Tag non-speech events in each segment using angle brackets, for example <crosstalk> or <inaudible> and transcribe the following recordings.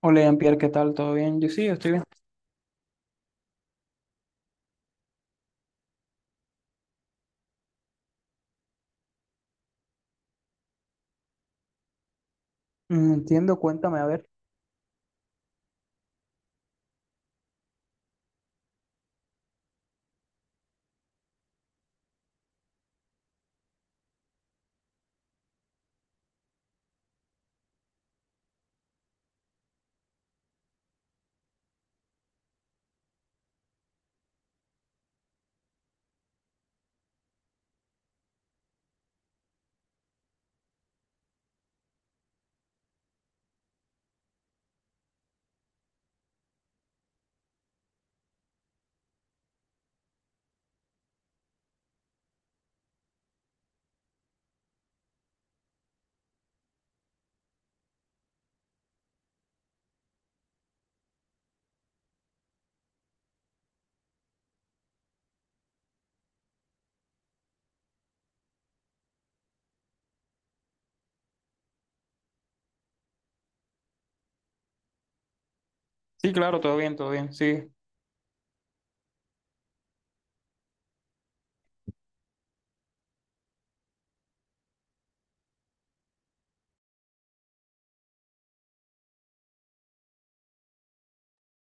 Hola, Jean-Pierre, ¿qué tal? ¿Todo bien? Yo sí, estoy bien. Entiendo, cuéntame, a ver. Sí, claro, todo bien, sí.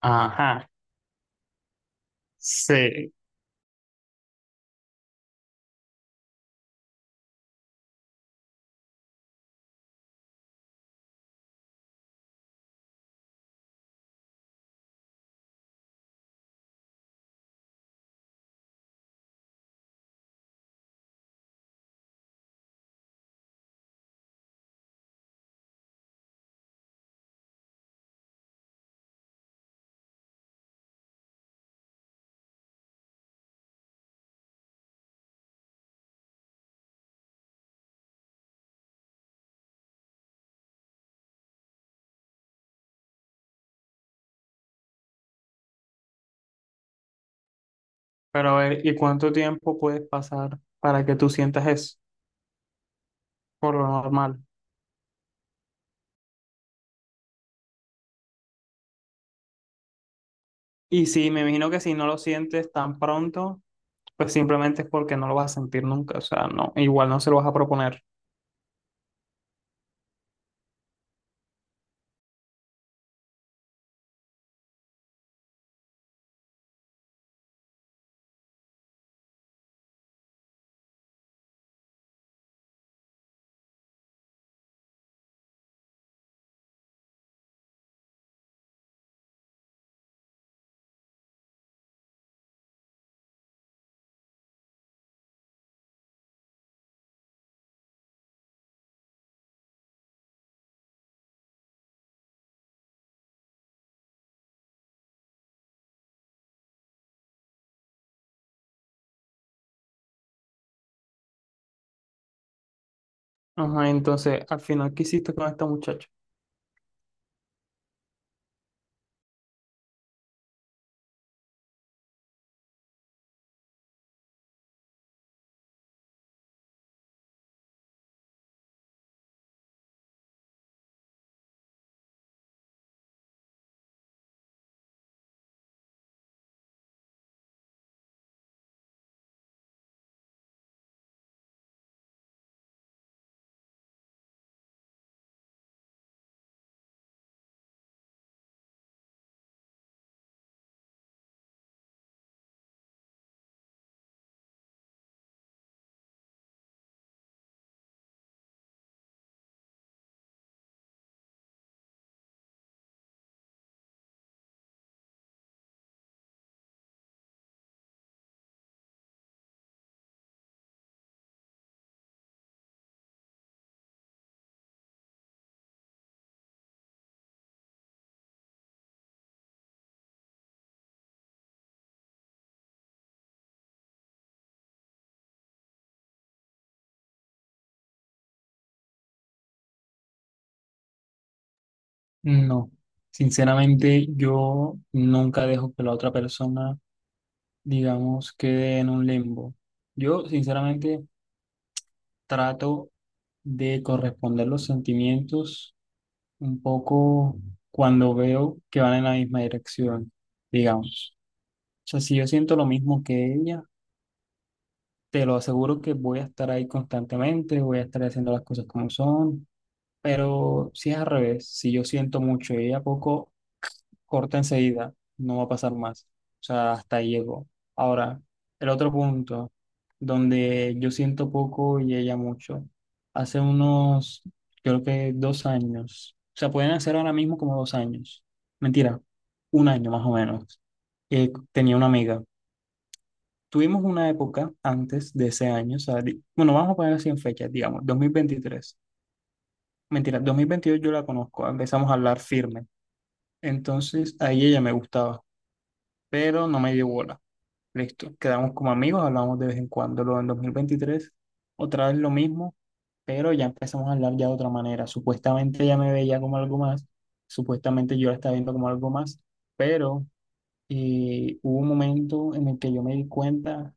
Ajá, sí. Pero a ver, ¿y cuánto tiempo puedes pasar para que tú sientas eso? Por lo normal. Y sí, me imagino que si no lo sientes tan pronto, pues simplemente es porque no lo vas a sentir nunca. O sea, no, igual no se lo vas a proponer. Ajá, entonces, al final, ¿qué hiciste con esta muchacha? No, sinceramente yo nunca dejo que la otra persona digamos, quede en un limbo. Yo, sinceramente, trato de corresponder los sentimientos un poco cuando veo que van en la misma dirección, digamos. O sea, si yo siento lo mismo que ella, te lo aseguro que voy a estar ahí constantemente, voy a estar haciendo las cosas como son, pero si es al revés, si yo siento mucho y ella poco corta enseguida, no va a pasar más. O sea, hasta ahí llegó. Ahora, el otro punto, donde yo siento poco y ella mucho, hace unos, creo que 2 años, o sea, pueden hacer ahora mismo como 2 años, mentira, un año más o menos, tenía una amiga. Tuvimos una época antes de ese año, o sea, bueno, vamos a poner así en fechas, digamos, 2023. Mentira, 2022 yo la conozco, empezamos a hablar firme. Entonces, ahí ella me gustaba, pero no me dio bola. Listo, quedamos como amigos, hablamos de vez en cuando. Luego en 2023 otra vez lo mismo, pero ya empezamos a hablar ya de otra manera. Supuestamente ella me veía como algo más, supuestamente yo la estaba viendo como algo más, pero hubo un momento en el que yo me di cuenta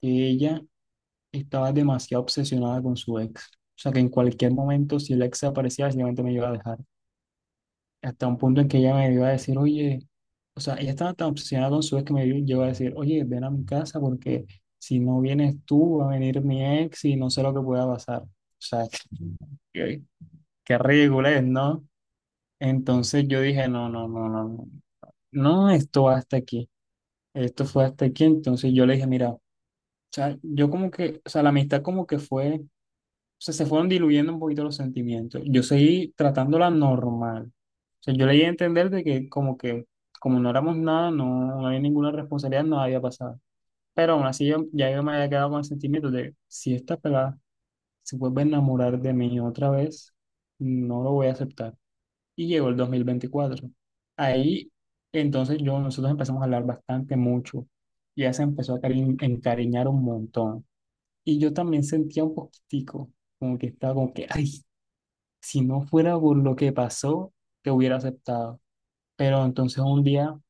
que ella estaba demasiado obsesionada con su ex. O sea, que en cualquier momento, si el ex aparecía, simplemente me iba a dejar hasta un punto en que ella me iba a decir, oye, o sea, ella estaba tan obsesionada con su ex que me llegó a decir, oye, ven a mi casa porque si no vienes tú, va a venir mi ex y no sé lo que pueda pasar. O sea, <laughs> qué, qué ridículo es, ¿no? Entonces yo dije, no, no, no, no, no, no, esto va hasta aquí, esto fue hasta aquí. Entonces yo le dije, mira, o sea, yo como que, o sea, la amistad como que fue o sea, se fueron diluyendo un poquito los sentimientos. Yo seguí tratándola normal. O sea, yo le di a entender de que como no éramos nada, no había ninguna responsabilidad, nada había pasado. Pero aún así yo, ya yo me había quedado con el sentimiento de si esta pelada se vuelve a enamorar de mí otra vez, no lo voy a aceptar. Y llegó el 2024. Ahí entonces yo, nosotros empezamos a hablar bastante mucho. Ya se empezó a encariñar un montón. Y yo también sentía un poquitico como que estaba como que, ay, si no fuera por lo que pasó, te hubiera aceptado. Pero entonces un día, o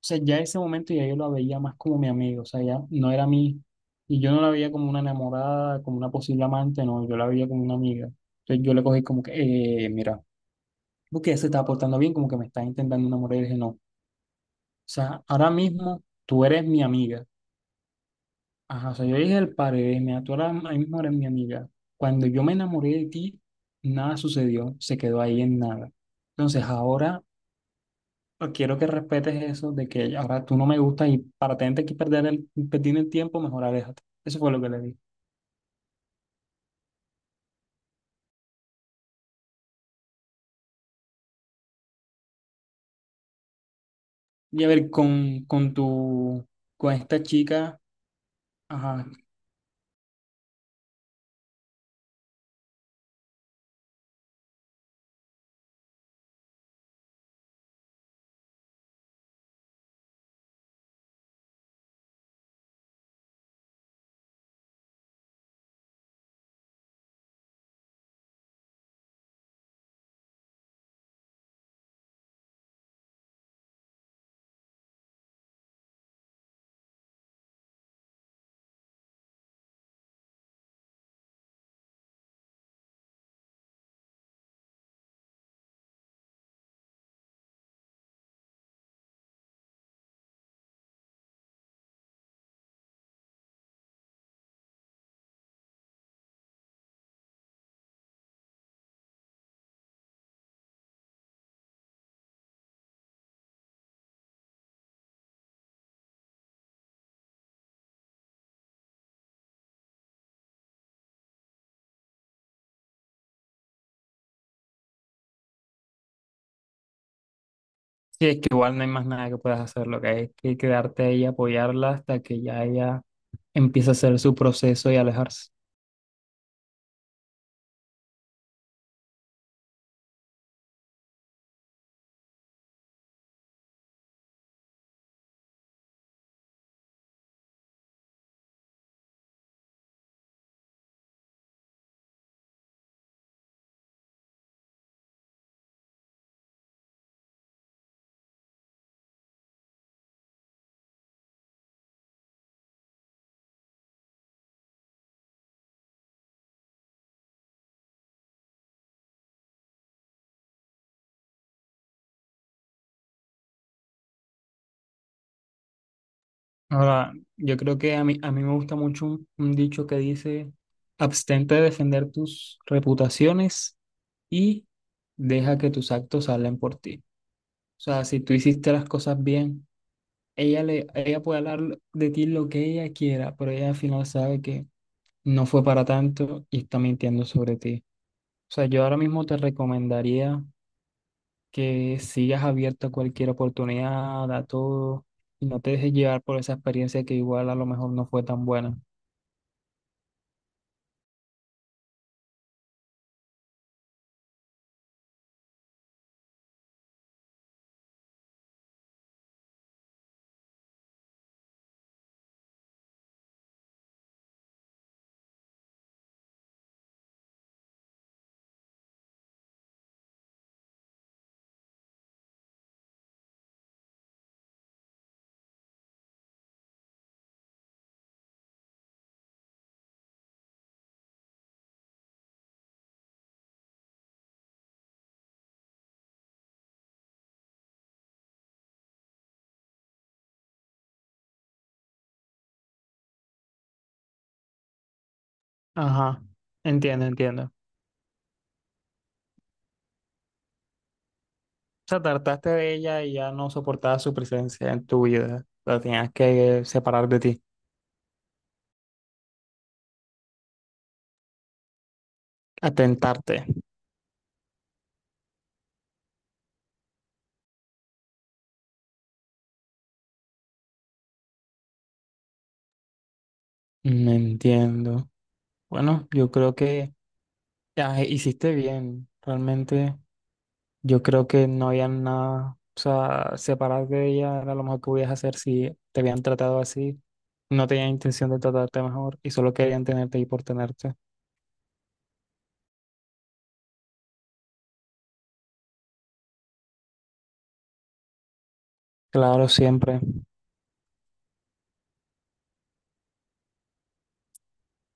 sea, ya ese momento ya yo la veía más como mi amigo, o sea, ya no era mi, y yo no la veía como una enamorada, como una posible amante, no, yo la veía como una amiga. Entonces yo le cogí como que, mira, porque ella se está portando bien, como que me está intentando enamorar, y dije, no, o sea, ahora mismo tú eres mi amiga. Ajá, o sea, yo dije el padre, mira, tú ahora ahora mismo eres mi amiga. Cuando yo me enamoré de ti, nada sucedió, se quedó ahí en nada. Entonces, ahora, pero quiero que respetes eso de que ahora tú no me gustas y para tener que perder el tiempo, mejor aléjate. Eso fue lo que le di. Y a ver, con esta chica, ajá, sí, es que igual no hay más nada que puedas hacer, lo que hay es que quedarte ahí, y apoyarla hasta que ya ella empiece a hacer su proceso y alejarse. Ahora, yo creo que a mí me gusta mucho un dicho que dice, abstente de defender tus reputaciones y deja que tus actos hablen por ti. O sea, si tú hiciste las cosas bien, ella puede hablar de ti lo que ella quiera, pero ella al final sabe que no fue para tanto y está mintiendo sobre ti. O sea, yo ahora mismo te recomendaría que sigas abierta a cualquier oportunidad, a todo, y no te dejes llevar por esa experiencia que igual a lo mejor no fue tan buena. Ajá, entiendo, entiendo. O sea, trataste de ella y ya no soportabas su presencia en tu vida. La tenías que separar de ti, atentarte. No entiendo. Bueno, yo creo que hiciste bien. Realmente, yo creo que no había nada. O sea, separarte de ella era lo mejor que podías hacer si te habían tratado así. No tenían intención de tratarte mejor y solo querían tenerte y por tenerte. Claro, siempre.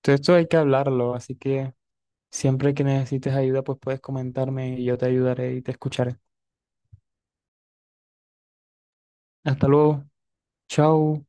Todo esto hay que hablarlo, así que siempre que necesites ayuda, pues puedes comentarme y yo te ayudaré y te escucharé. Hasta luego. Chao.